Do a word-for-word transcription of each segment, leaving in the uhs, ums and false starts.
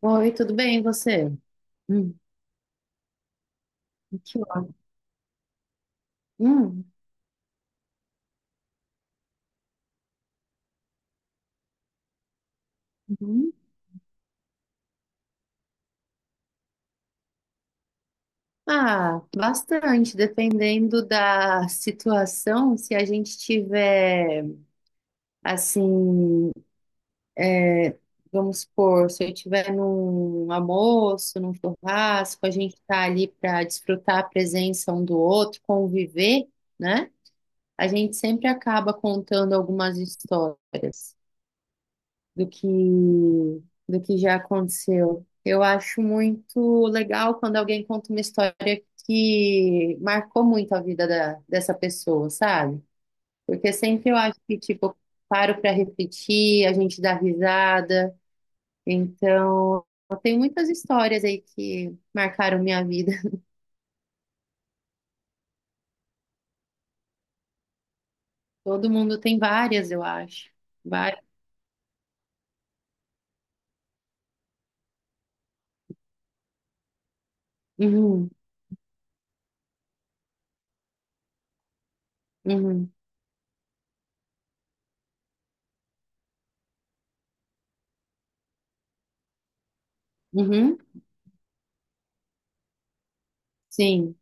Oi, tudo bem, e você? Hum, que ótimo. Hum, uhum. Ah, bastante, dependendo da situação, se a gente tiver, assim, é, vamos supor, se eu tiver num almoço, num churrasco, a gente está ali para desfrutar a presença um do outro, conviver, né? A gente sempre acaba contando algumas histórias. do que do que já aconteceu. Eu acho muito legal quando alguém conta uma história que marcou muito a vida da, dessa pessoa, sabe? Porque sempre eu acho que, tipo, eu paro para refletir, a gente dá risada. Então, eu tenho muitas histórias aí que marcaram minha vida. Todo mundo tem várias, eu acho. Várias. Uhum, uhum, uhum. Sim,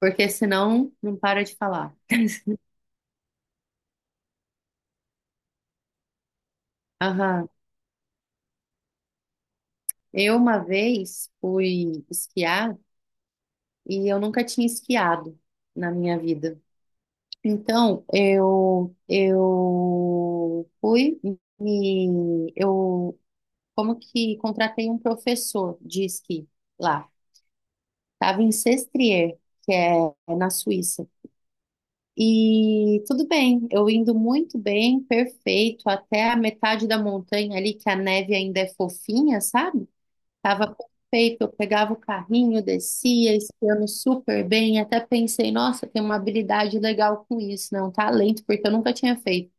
porque senão não para de falar. Aham. Eu uma vez fui esquiar e eu nunca tinha esquiado na minha vida. Então, eu eu fui e eu como que contratei um professor de esqui lá. Tava em Sestrier, que é na Suíça. E tudo bem, eu indo muito bem, perfeito, até a metade da montanha ali que a neve ainda é fofinha, sabe? Tava perfeito, eu pegava o carrinho, descia, esquiando super bem, até pensei, nossa, tem uma habilidade legal com isso, não, talento, porque eu nunca tinha feito.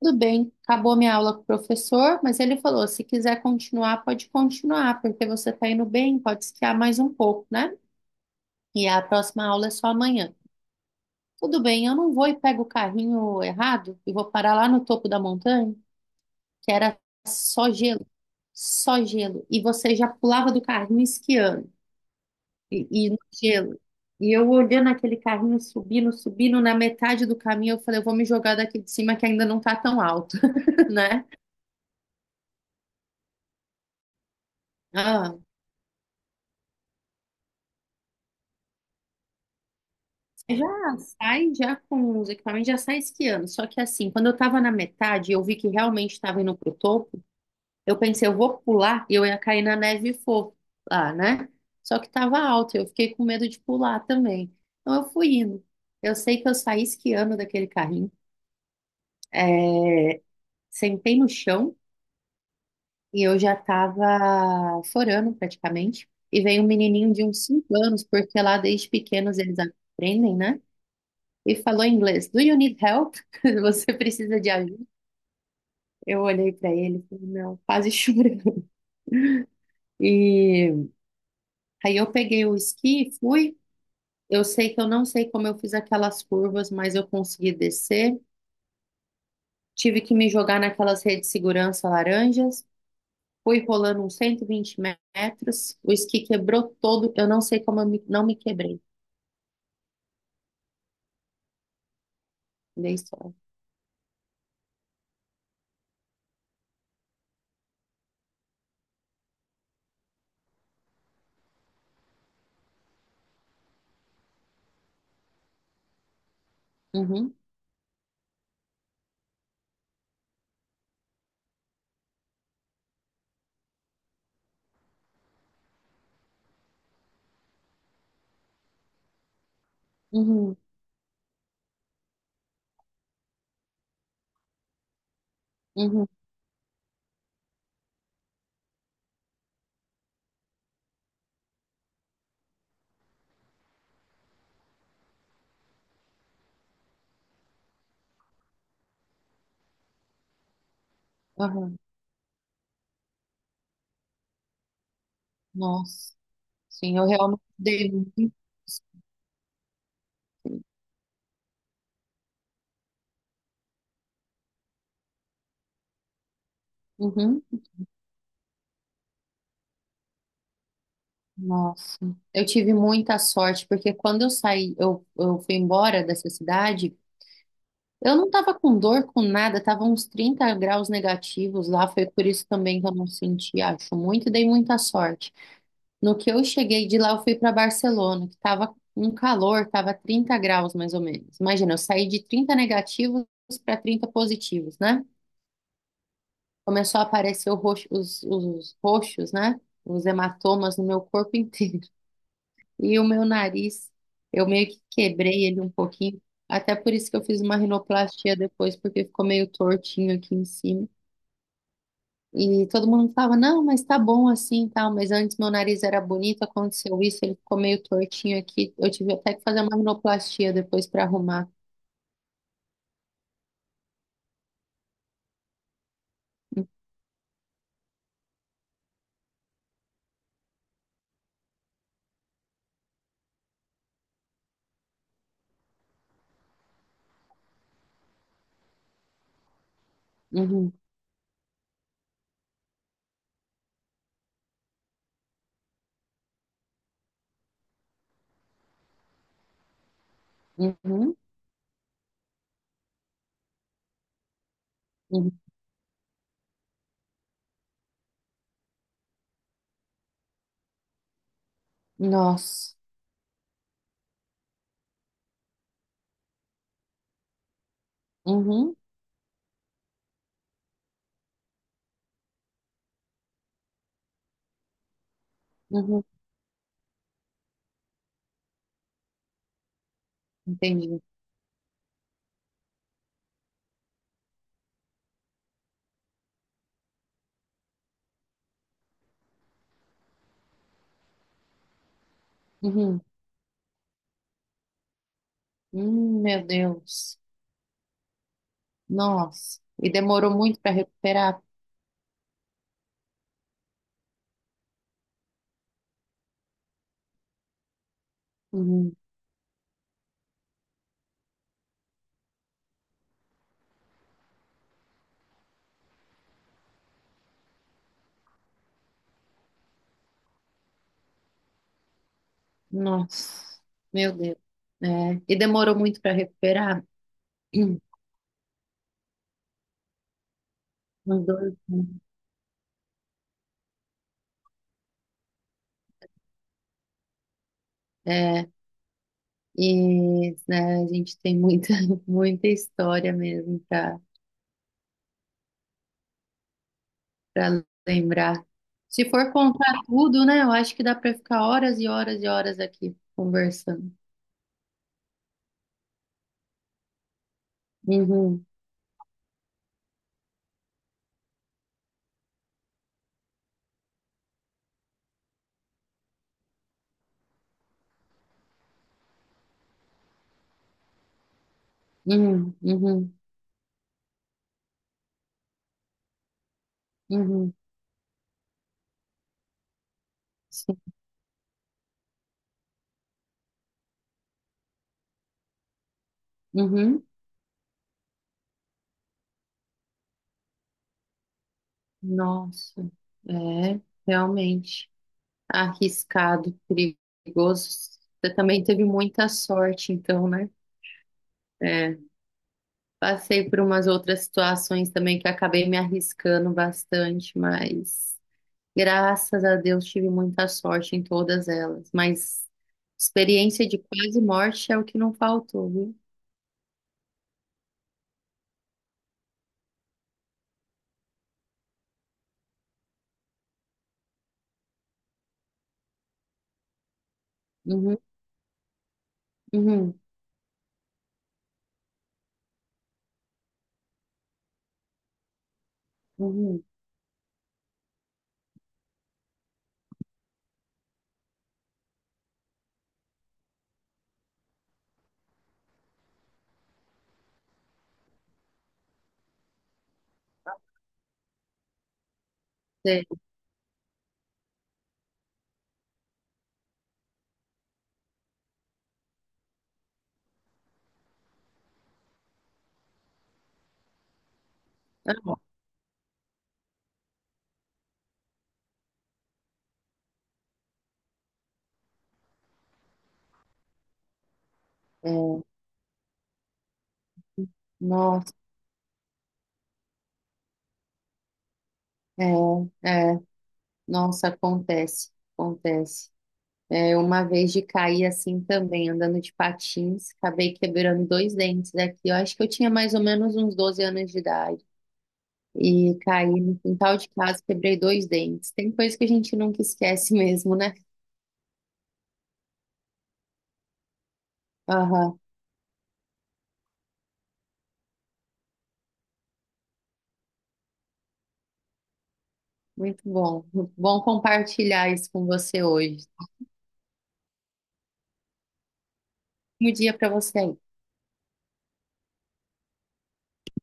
Tudo bem, acabou minha aula com o professor, mas ele falou, se quiser continuar, pode continuar, porque você tá indo bem, pode esquiar mais um pouco, né? E a próxima aula é só amanhã. Tudo bem, eu não vou e pego o carrinho errado e vou parar lá no topo da montanha, que era só gelo, só gelo, e você já pulava do carrinho esquiando. E, e no gelo. E eu olhando aquele carrinho subindo, subindo, na metade do caminho, eu falei, eu vou me jogar daqui de cima que ainda não tá tão alto, né? Ah, você já sai já com os equipamentos, já sai esquiando. Só que assim, quando eu tava na metade, e eu vi que realmente estava indo pro topo, eu pensei, eu vou pular e eu ia cair na neve fofa lá, né? Só que tava alto, eu fiquei com medo de pular também. Então eu fui indo. Eu sei que eu saí esquiando daquele carrinho. É, sentei no chão. E eu já tava forando praticamente. E veio um menininho de uns cinco anos, porque lá desde pequenos eles aprendem, né? E falou em inglês: Do you need help? Você precisa de ajuda? Eu olhei pra ele e falei: Não, quase chorando. E aí eu peguei o esqui e fui. Eu sei que eu não sei como eu fiz aquelas curvas, mas eu consegui descer. Tive que me jogar naquelas redes de segurança laranjas. Fui rolando uns cento e vinte metros. O esqui quebrou todo. Eu não sei como eu me- não me quebrei. Dei sorte. Uhum, uhum, uhum, aham. Nossa, sim, eu realmente dei muito. Uhum. Nossa, eu tive muita sorte, porque quando eu saí, eu, eu fui embora dessa cidade, eu não tava com dor, com nada, tava uns trinta graus negativos lá, foi por isso também que eu não senti, acho muito, e dei muita sorte. No que eu cheguei de lá, eu fui para Barcelona, que tava um calor, tava trinta graus mais ou menos. Imagina, eu saí de trinta negativos para trinta positivos, né? Começou a aparecer o roxo- os, os roxos, né? Os hematomas no meu corpo inteiro. E o meu nariz, eu meio que quebrei ele um pouquinho. Até por isso que eu fiz uma rinoplastia depois, porque ficou meio tortinho aqui em cima. E todo mundo falava, não, mas tá bom assim e tal. Mas antes meu nariz era bonito, aconteceu isso, ele ficou meio tortinho aqui. Eu tive até que fazer uma rinoplastia depois para arrumar. Uhum, uhum, uhum. Nossa. Uhum, uhum. Entendi. Uhum. Hum, meu Deus. Nossa. E demorou muito para recuperar? Hum, nossa. Meu Deus. É. E demorou muito para recuperar? Hum, Uns dois, né? É. E né, a gente tem muita, muita história mesmo para para lembrar. Se for contar tudo, né? Eu acho que dá para ficar horas e horas e horas aqui conversando. Uhum, uhum, uhum, uhum, sim, uhum. Nossa, é realmente arriscado, perigoso. Você também teve muita sorte, então, né? É, passei por umas outras situações também que acabei me arriscando bastante, mas graças a Deus tive muita sorte em todas elas. Mas experiência de quase morte é o que não faltou, viu? Uhum, uhum, uhum. Sei. Ah, é, nossa, é, é, nossa, acontece, acontece. É, uma vez de cair assim também, andando de patins, acabei quebrando dois dentes aqui. Eu acho que eu tinha mais ou menos uns doze anos de idade. E caí no quintal de casa, quebrei dois dentes. Tem coisa que a gente nunca esquece mesmo, né? Aham, muito bom. Muito bom compartilhar isso com você hoje. Um dia para você aí.